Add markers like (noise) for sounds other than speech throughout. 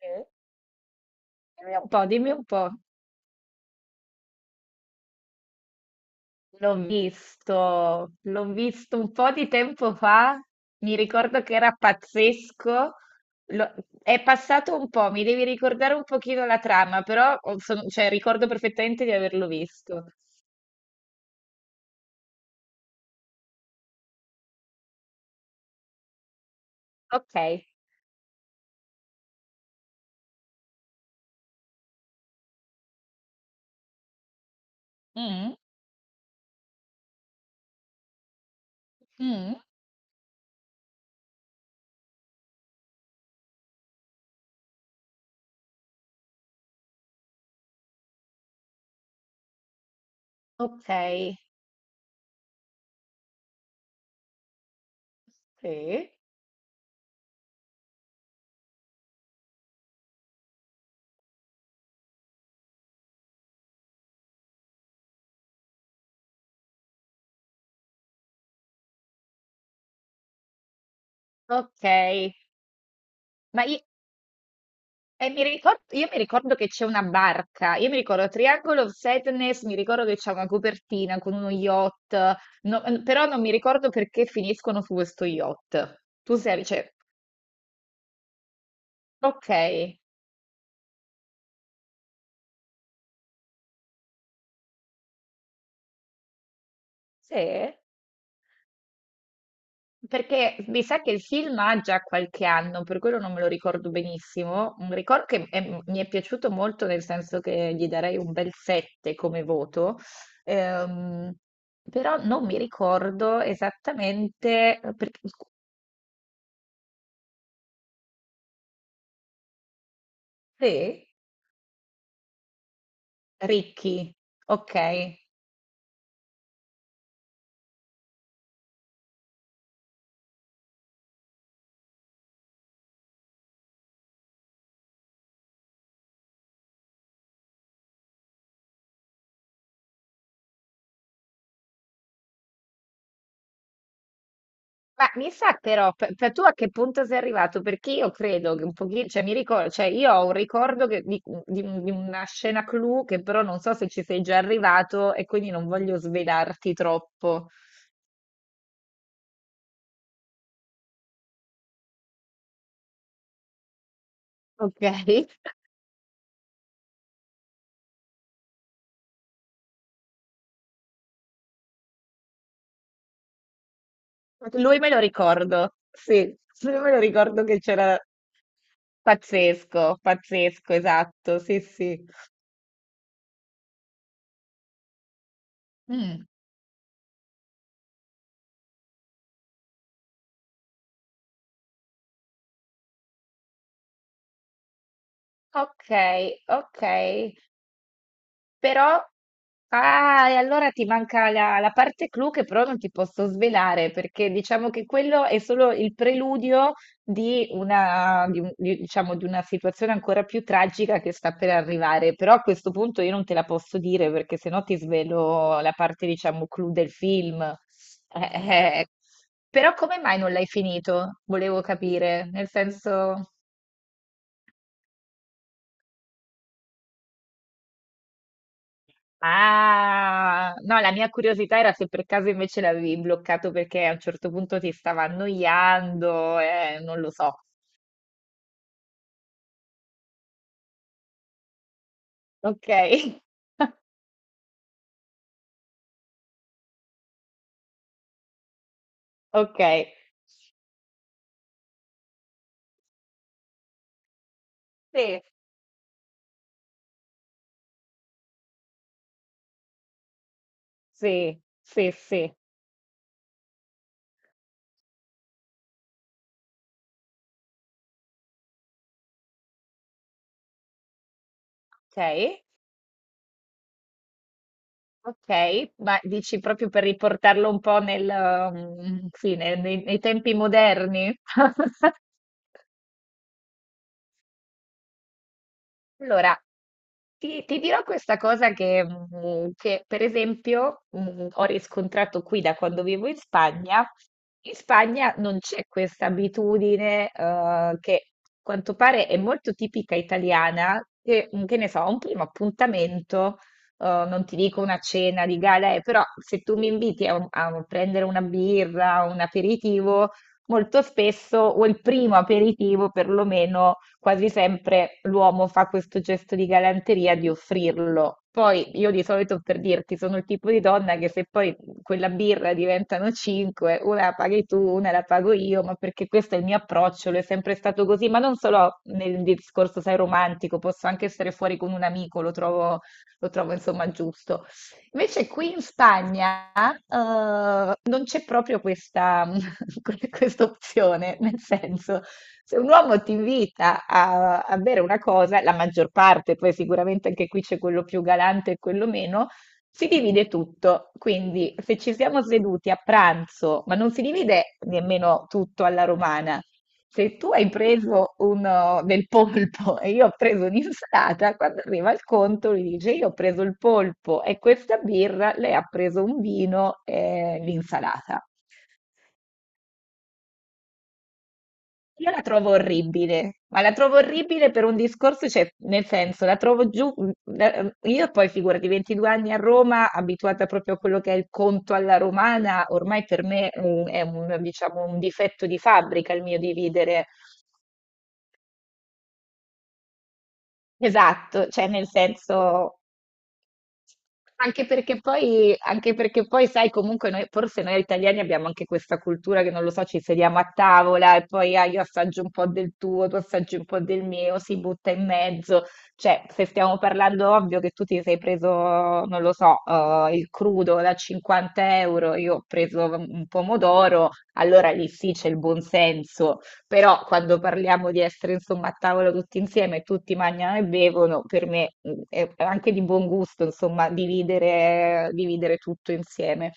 Eh, Dimmi un po', dimmi un po'. L'ho visto un po' di tempo fa, mi ricordo che era pazzesco. Lo- È passato un po', mi devi ricordare un pochino la trama, cioè, ricordo perfettamente di averlo visto. Ok. Mm, mm, ok. Sì. Ok. Ma io, E io mi ricordo che c'è una barca, io mi ricordo Triangle of Sadness, mi ricordo che c'è una copertina con uno yacht, però non mi ricordo perché finiscono su questo yacht. Ok, sì, perché mi sa che il film ha già qualche anno, per quello non me lo ricordo benissimo. Un ricordo che è- mi è piaciuto molto, nel senso che gli darei un bel 7 come voto. Ehm, però non mi ricordo esattamente Sì? Ricchi, okay. Ma mi sa però, pe pe tu a che punto sei arrivato? Perché io credo che un pochi cioè mi ricor cioè io ho un ricordo che di di un di una scena clou che però non so se ci sei già arrivato e quindi non voglio svelarti troppo. Okay. (laughs) Lui me lo ricordo, sì, sì me lo ricordo che c'era pazzesco, pazzesco, esatto, sì, sì. Mh. Okay, okay. Però, ah, e allora ti manca la parte clou che però non ti posso svelare, perché diciamo che quello è solo il preludio di una, di un- di- diciamo, di una situazione ancora più tragica che sta per arrivare. Però a questo punto io non te la posso dire, perché sennò ti svelo la parte, diciamo, clou del film. Eh, eh. Però come mai non l'hai finito? Volevo capire, nel senso... Ah, no, la mia curiosità era se per caso invece l'avevi bloccato perché a un certo punto ti stava annoiando, non lo so. Ok, (laughs) ok, sì, sì, sì, sì, ok, ok, ma dici proprio per riportarlo un po' mm, sì, nei tempi moderni? (laughs) Allora, ti dirò questa cosa che, mm, che, per esempio, mm, ho riscontrato qui da quando vivo in Spagna. In Spagna non c'è questa abitudine, che a quanto pare è molto tipica italiana, che, mm, che ne so, un primo appuntamento, non ti dico una cena di gala, però se tu mi inviti a prendere una birra, un aperitivo, molto spesso, o il primo aperitivo perlomeno, quasi sempre l'uomo fa questo gesto di galanteria di offrirlo. Poi io di solito per dirti sono il tipo di donna che se poi quella birra diventano cinque, una la paghi tu, una la pago io, ma perché questo è il mio approccio, lo è sempre stato così, ma non solo nel discorso, sai, romantico, posso anche essere fuori con un amico, lo trovo insomma giusto. Invece qui in Spagna non c'è proprio questa, (laughs) questa opzione, nel senso, se un uomo ti invita a bere una cosa, la maggior parte, poi sicuramente anche qui c'è quello più galante e quello meno, si divide tutto, quindi se ci siamo seduti a pranzo, ma non si divide nemmeno tutto alla romana, se tu hai preso un, del polpo (laughs) e io ho preso un'insalata, quando arriva il conto lui dice io ho preso il polpo e questa birra, lei ha preso un vino e l'insalata. Io la trovo orribile, ma la trovo orribile per un discorso, cioè nel senso, la trovo giù, mm, la- mm, io poi figurati 22 anni a Roma, abituata proprio a quello che è il conto alla romana, ormai per me mm, è un, diciamo, un difetto di fabbrica il mio dividere. Esatto, cioè nel senso, anche perché poi, sai, comunque noi, forse noi italiani abbiamo anche questa cultura che non lo so, ci sediamo a tavola e poi ah, io assaggio un po' del tuo, tu assaggi un po' del mio, si butta in mezzo. Cioè, se stiamo parlando, ovvio che tu ti sei preso, non lo so, il crudo da 50 euro, io ho preso un pomodoro, allora lì sì c'è il buon senso. Però quando parliamo di essere insomma a tavola tutti insieme, tutti mangiano e bevono, per me è anche di buon gusto insomma dividere, dividere tutto insieme.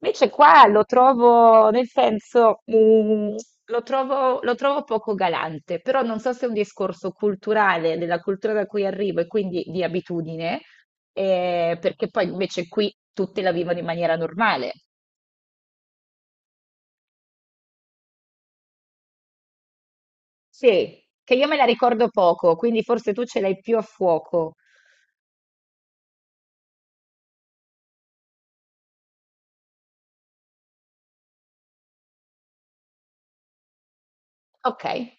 Invece qua lo trovo, nel senso, lo trovo poco galante, però non so se è un discorso culturale, della cultura da cui arrivo e quindi di abitudine, perché poi invece qui tutti la vivono in maniera normale. Sì, che io me la ricordo poco, quindi forse tu ce l'hai più a fuoco. Okay,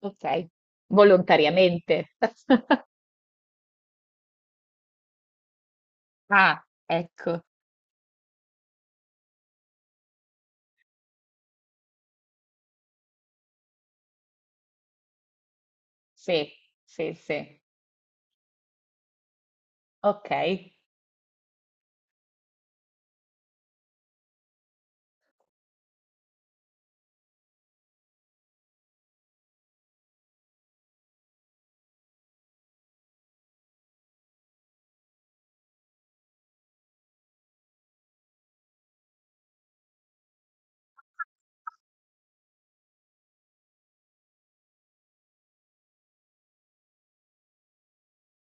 okay. Volontariamente. (laughs) Ah, ecco. Sì, sì, sì. Okay.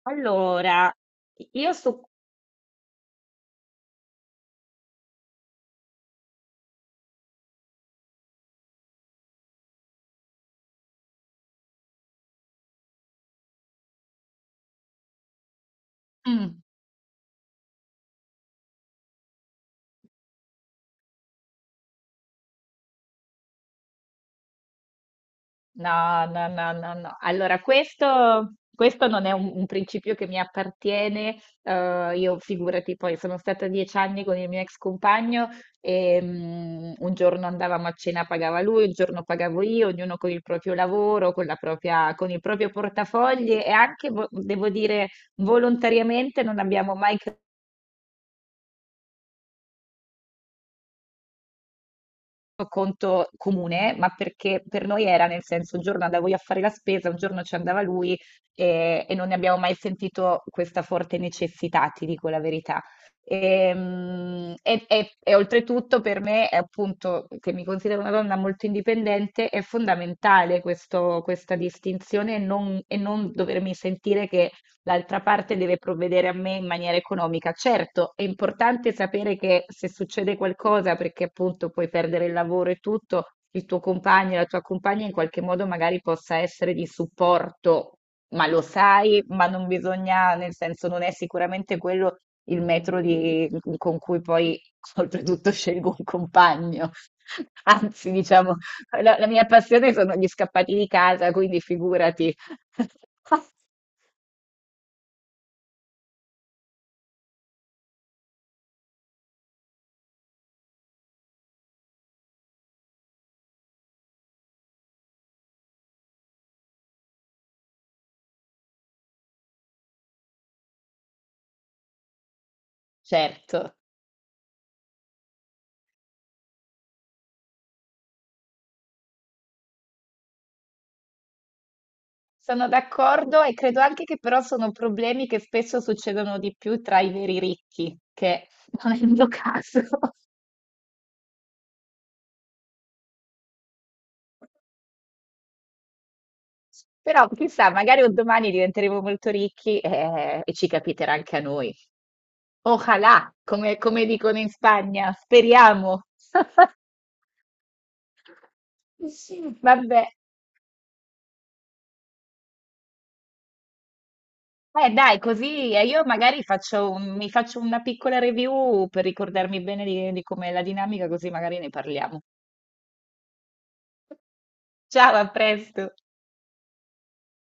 Allora, i io su Mh. No, no, no, no, no. Allora, questo non è un principio che mi appartiene. Eh, io figurati, poi sono stata 10 anni con il mio ex compagno e mm, un giorno andavamo a cena, pagava lui, un giorno pagavo io, ognuno con il proprio lavoro, con il proprio portafogli e anche, devo dire, volontariamente non abbiamo mai conto comune, ma perché per noi era nel senso un giorno andavo io a fare la spesa, un giorno ci andava lui e non ne abbiamo mai sentito questa forte necessità, ti dico la verità. E oltretutto per me, è appunto, che mi considero una donna molto indipendente, è fondamentale questa distinzione e non dovermi sentire che l'altra parte deve provvedere a me in maniera economica. Certo, è importante sapere che se succede qualcosa, perché appunto puoi perdere il lavoro e tutto, il tuo compagno, la tua compagna in qualche modo magari possa essere di supporto, ma lo sai, ma non bisogna, nel senso non è sicuramente quello il metro di- con cui poi (laughs) oltretutto scelgo un compagno. (laughs) Anzi, diciamo, la mia passione sono gli scappati di casa, quindi figurati. (laughs) Certo. Sono d'accordo e credo anche che però sono problemi che spesso succedono di più tra i veri ricchi, che (laughs) non è il mio caso. (laughs) Però chissà, magari un domani diventeremo molto ricchi e, ci capiterà anche a noi. Ojalá, come dicono in Spagna, speriamo. (laughs) Sì. Vabbè, dai, così io magari mi faccio una piccola review per ricordarmi bene di com'è la dinamica, così magari ne parliamo. Ciao, a presto.